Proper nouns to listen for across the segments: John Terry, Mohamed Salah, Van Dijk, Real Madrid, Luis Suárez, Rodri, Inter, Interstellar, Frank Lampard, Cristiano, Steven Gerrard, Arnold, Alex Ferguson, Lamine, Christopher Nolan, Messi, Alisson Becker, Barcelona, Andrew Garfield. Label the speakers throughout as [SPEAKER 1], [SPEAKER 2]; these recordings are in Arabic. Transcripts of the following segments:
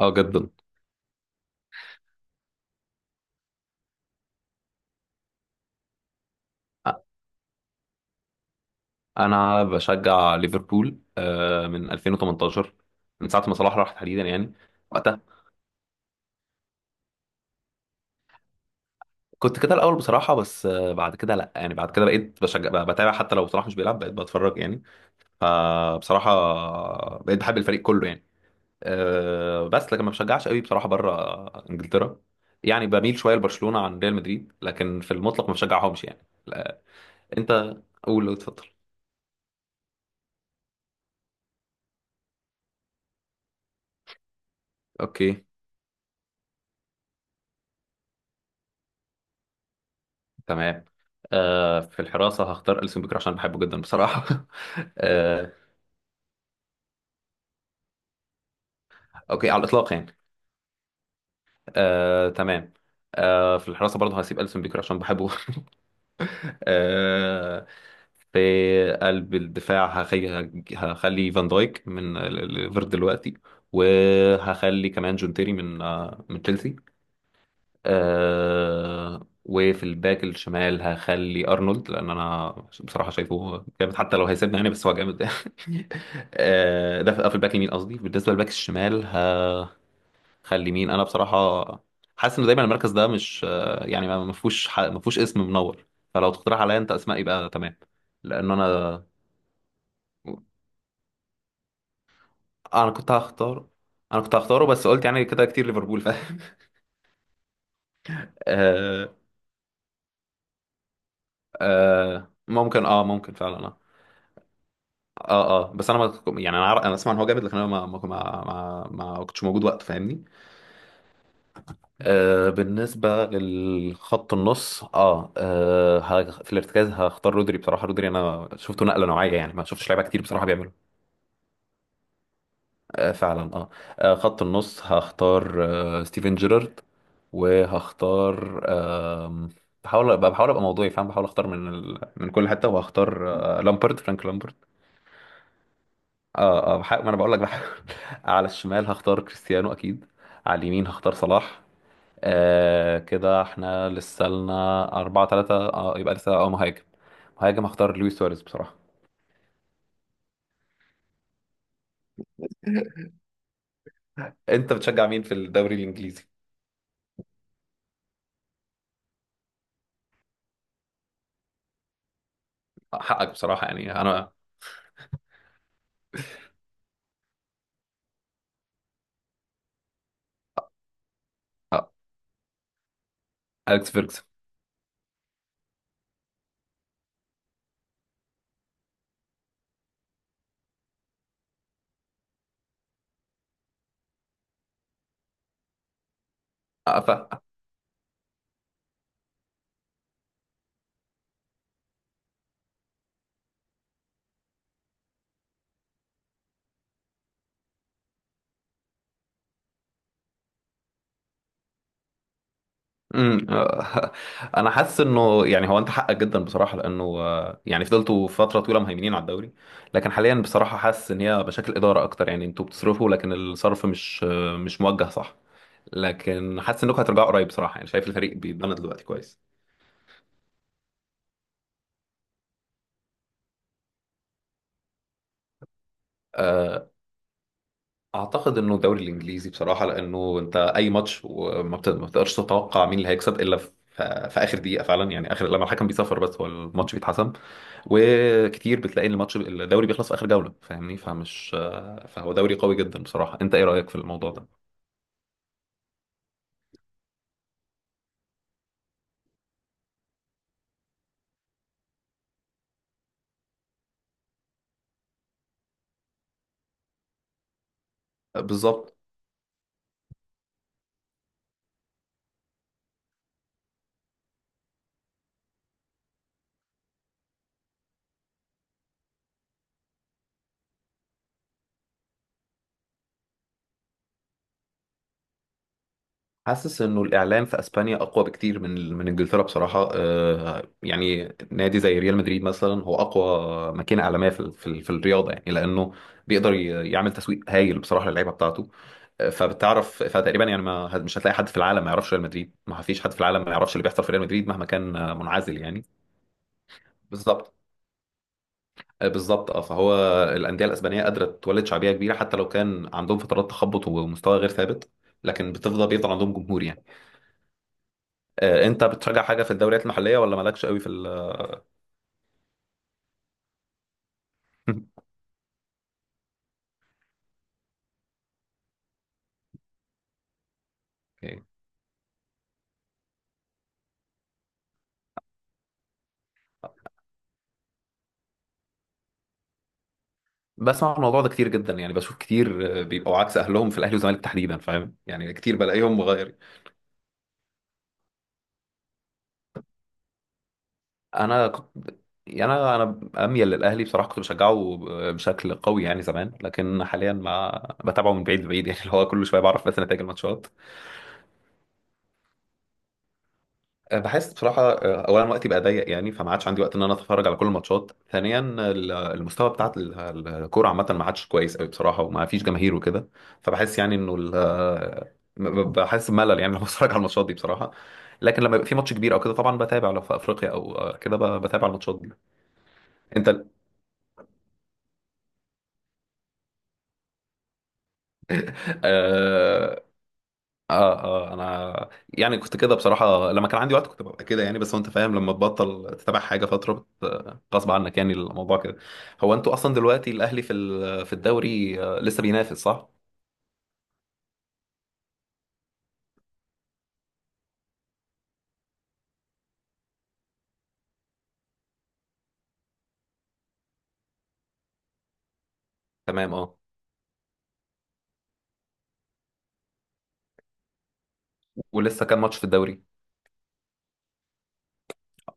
[SPEAKER 1] اه جدا. انا بشجع ليفربول من 2018، من ساعه ما صلاح راح تحديدا يعني وقتها. كنت كده الاول بصراحه، بس بعد كده لا، يعني بعد كده بقيت بشجع، بتابع حتى لو صلاح مش بيلعب، بقيت بتفرج يعني. فبصراحه بقيت بحب الفريق كله يعني. بس لكن ما بشجعش قوي بصراحه بره انجلترا، يعني بميل شويه لبرشلونه عن ريال مدريد، لكن في المطلق ما بشجعهمش يعني، لا. انت قول، اتفضل. اوكي، تمام. في الحراسة هختار ألسن بيكر عشان بحبه جدا بصراحة. آه، أوكي، على الإطلاق يعني. آه، تمام. في الحراسة برضه هسيب ألسن بيكر عشان بحبه. آه في قلب الدفاع هخلي فان دايك من ليفر دلوقتي، وهخلي كمان جون تيري من تشيلسي. وفي الباك الشمال هخلي ارنولد، لان انا بصراحه شايفه جامد حتى لو هيسيبنا يعني، بس هو جامد. ده في الباك اليمين قصدي، بالنسبه للباك الشمال هخلي مين؟ انا بصراحه حاسس ان دايما المركز ده مش يعني ما فيهوش، ما فيهوش اسم منور، فلو تقترح عليا انت اسماء يبقى تمام. لان انا انا كنت هختار انا كنت هختاره، بس قلت يعني كده كتير ليفربول، فاهم. آه. آه، ممكن، ممكن فعلا آه. اه، اه، بس انا ما يعني، انا انا اسمع ان هو جامد، لكن انا ما كنتش موجود وقت، فاهمني. بالنسبه للخط النص، في الارتكاز هختار رودري بصراحه. رودري انا شفته نقله نوعيه يعني، ما شفتش لعيبه كتير بصراحه بيعملوا، آه، فعلا آه. اه، خط النص هختار ستيفن جيرارد، وهختار بحاول ابقى موضوعي فاهم، بحاول اختار من كل حته، وهختار لامبرد، فرانك لامبرد. اه، اه، بحاول، ما انا بقول لك بحاول. على الشمال هختار كريستيانو اكيد، على اليمين هختار صلاح. آه، كده احنا لسه لنا أربعة ثلاثة، اه، يبقى لسه اه مهاجم. مهاجم هختار لويس سواريز بصراحة. انت بتشجع مين في الدوري الانجليزي؟ حقك بصراحة، يعني انا آه، اليكس فيرجسون. امم آه، انا حاسس انه يعني هو انت حقك جدا بصراحه، لانه يعني فضلتوا فتره طويله مهيمنين على الدوري، لكن حاليا بصراحه حاسس ان هي مشاكل اداره اكتر، يعني انتوا بتصرفوا لكن الصرف مش مش موجه صح. لكن حاسس انكم هترجعوا قريب بصراحه، يعني شايف الفريق بيتبنى دلوقتي كويس. آه، اعتقد انه الدوري الانجليزي بصراحه، لانه انت اي ماتش، وما بت- ما بتقدرش تتوقع مين اللي هيكسب الا في اخر دقيقه فعلا، يعني اخر لما الحكم بيصفر بس هو الماتش بيتحسم. وكتير بتلاقي ان الماتش الدوري بيخلص في اخر جوله، فاهمني، فهو دوري قوي جدا بصراحه. انت ايه رايك في الموضوع ده؟ بالظبط. حاسس انه الاعلام في اسبانيا اقوى بكتير من انجلترا بصراحه. يعني نادي زي ريال مدريد مثلا هو اقوى ماكينه اعلاميه في الرياضه يعني، لانه بيقدر يعمل تسويق هايل بصراحه للعيبه بتاعته. فبتعرف، فتقريبا يعني ما مش هتلاقي حد في العالم ما يعرفش ريال مدريد، ما فيش حد في العالم ما يعرفش اللي بيحصل في ريال مدريد مهما كان منعزل يعني. بالظبط. بالظبط، فهو الانديه الاسبانيه قادره تولد شعبيه كبيره حتى لو كان عندهم فترات تخبط ومستوى غير ثابت، لكن بيفضل عندهم جمهور يعني. انت بتشجع حاجه في الدوريات المحليه ولا مالكش قوي اوكي. بسمع الموضوع ده كتير جدا، يعني بشوف كتير بيبقوا عكس اهلهم في الاهلي والزمالك تحديدا، فاهم يعني، كتير بلاقيهم مغير. انا كنت يعني انا اميل للاهلي بصراحه. كنت بشجعه بشكل قوي يعني زمان، لكن حاليا ما بتابعه من بعيد لبعيد، يعني اللي هو كل شويه بعرف بس نتائج الماتشات. بحس بصراحة أولا وقتي بقى ضيق يعني، فما عادش عندي وقت إن أنا أتفرج على كل الماتشات، ثانيا المستوى بتاع الكورة عامة ما عادش كويس أوي بصراحة، وما فيش جماهير وكده. فبحس يعني إنه ب- بحس بملل يعني لما بتفرج على الماتشات دي بصراحة. لكن لما يبقى في ماتش كبير أو كده طبعا بتابع، لو في أفريقيا أو كده بتابع الماتشات دي. أنت. اه، اه، انا يعني كنت كده بصراحه لما كان عندي وقت، كنت ببقى كده يعني، بس هو انت فاهم لما تبطل تتابع حاجه فتره، غصب عنك يعني الموضوع كده. هو انتوا اصلا دلوقتي الاهلي في الدوري لسه بينافس صح؟ تمام، اه. ولسه كام ماتش في الدوري؟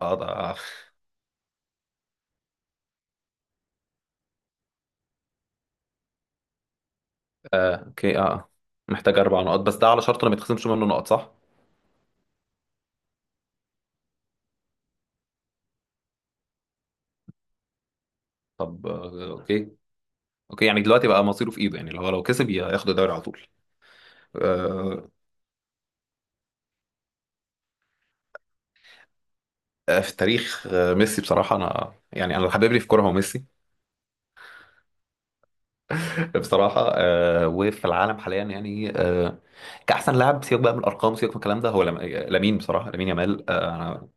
[SPEAKER 1] اه. ده، آه، اوكي، اه، محتاج اربع نقط بس، ده على شرط انه ما يتخصمش منه نقط صح؟ طب اوكي، اوكي. يعني دلوقتي بقى مصيره في ايده، يعني لو كسب ياخد الدوري على طول. آه في تاريخ ميسي بصراحه. انا يعني، انا اللي حبيبني في كوره هو ميسي بصراحة. وفي العالم حاليا يعني كأحسن لاعب، سيبك بقى من الأرقام، سيبك من الكلام ده، هو لامين بصراحة، لامين يامال. آه أنا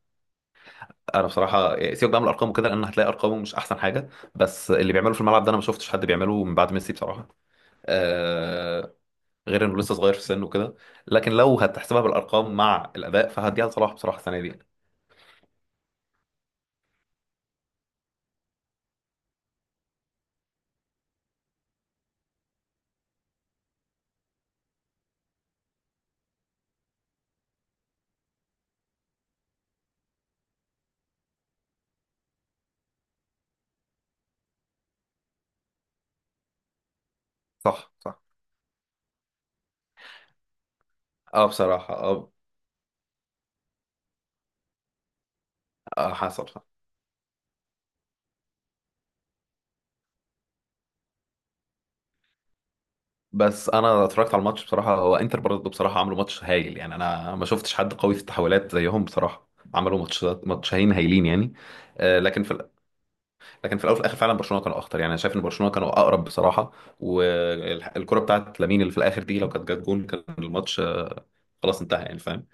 [SPEAKER 1] أنا بصراحة سيبك بقى من الأرقام وكده، لأن هتلاقي أرقامه مش أحسن حاجة، بس اللي بيعمله في الملعب ده أنا ما شفتش حد بيعمله من بعد ميسي بصراحة. آه غير إنه لسه صغير في السن وكده، لكن لو هتحسبها بالأرقام مع الأداء فهديها لصلاح بصراحة السنة دي. صح، صح، اه بصراحة، اه. حصل. بس انا اتفرجت على الماتش بصراحه، هو انتر برضه بصراحه عملوا ماتش هايل يعني، انا ما شفتش حد قوي في التحولات زيهم بصراحه. عملوا ماتشين هايلين يعني. لكن في الاول وفي الاخر فعلا برشلونه كانوا اخطر يعني، انا شايف ان برشلونه كانوا اقرب بصراحه، والكره بتاعت لامين اللي في الاخر دي لو كانت جت جون كان الماتش خلاص انتهى يعني فاهم.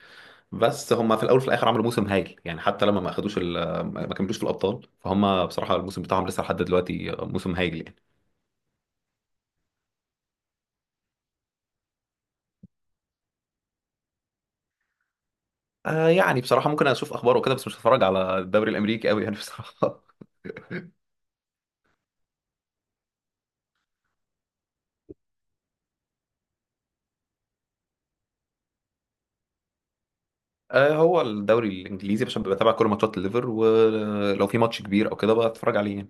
[SPEAKER 1] بس هم في الاول وفي الاخر عملوا موسم هايل يعني، حتى لما ما اخدوش ما كملوش في الابطال، فهم بصراحه الموسم بتاعهم لسه لحد دلوقتي موسم هايل يعني. يعني بصراحة ممكن أشوف أخباره وكده، بس مش هتفرج على الدوري الأمريكي أوي يعني بصراحة. هو الدوري الإنجليزي عشان بتابع كل ماتشات الليفر، ولو في ماتش كبير أو كده بتفرج عليه يعني.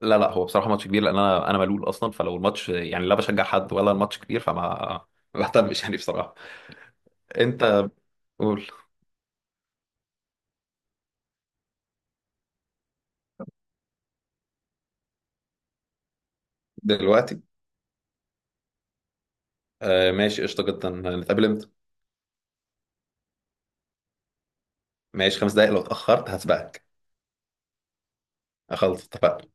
[SPEAKER 1] لا لا، هو بصراحة ماتش كبير، لأن أنا ملول أصلا، فلو الماتش يعني لا بشجع حد ولا الماتش كبير، فما ما بهتمش يعني بصراحة. أنت قول. دلوقتي؟ ماشي، قشطة جدا، نتقابل إمتى؟ ماشي، خمس دقايق لو اتأخرت هسبقك. خلاص، اتفقنا.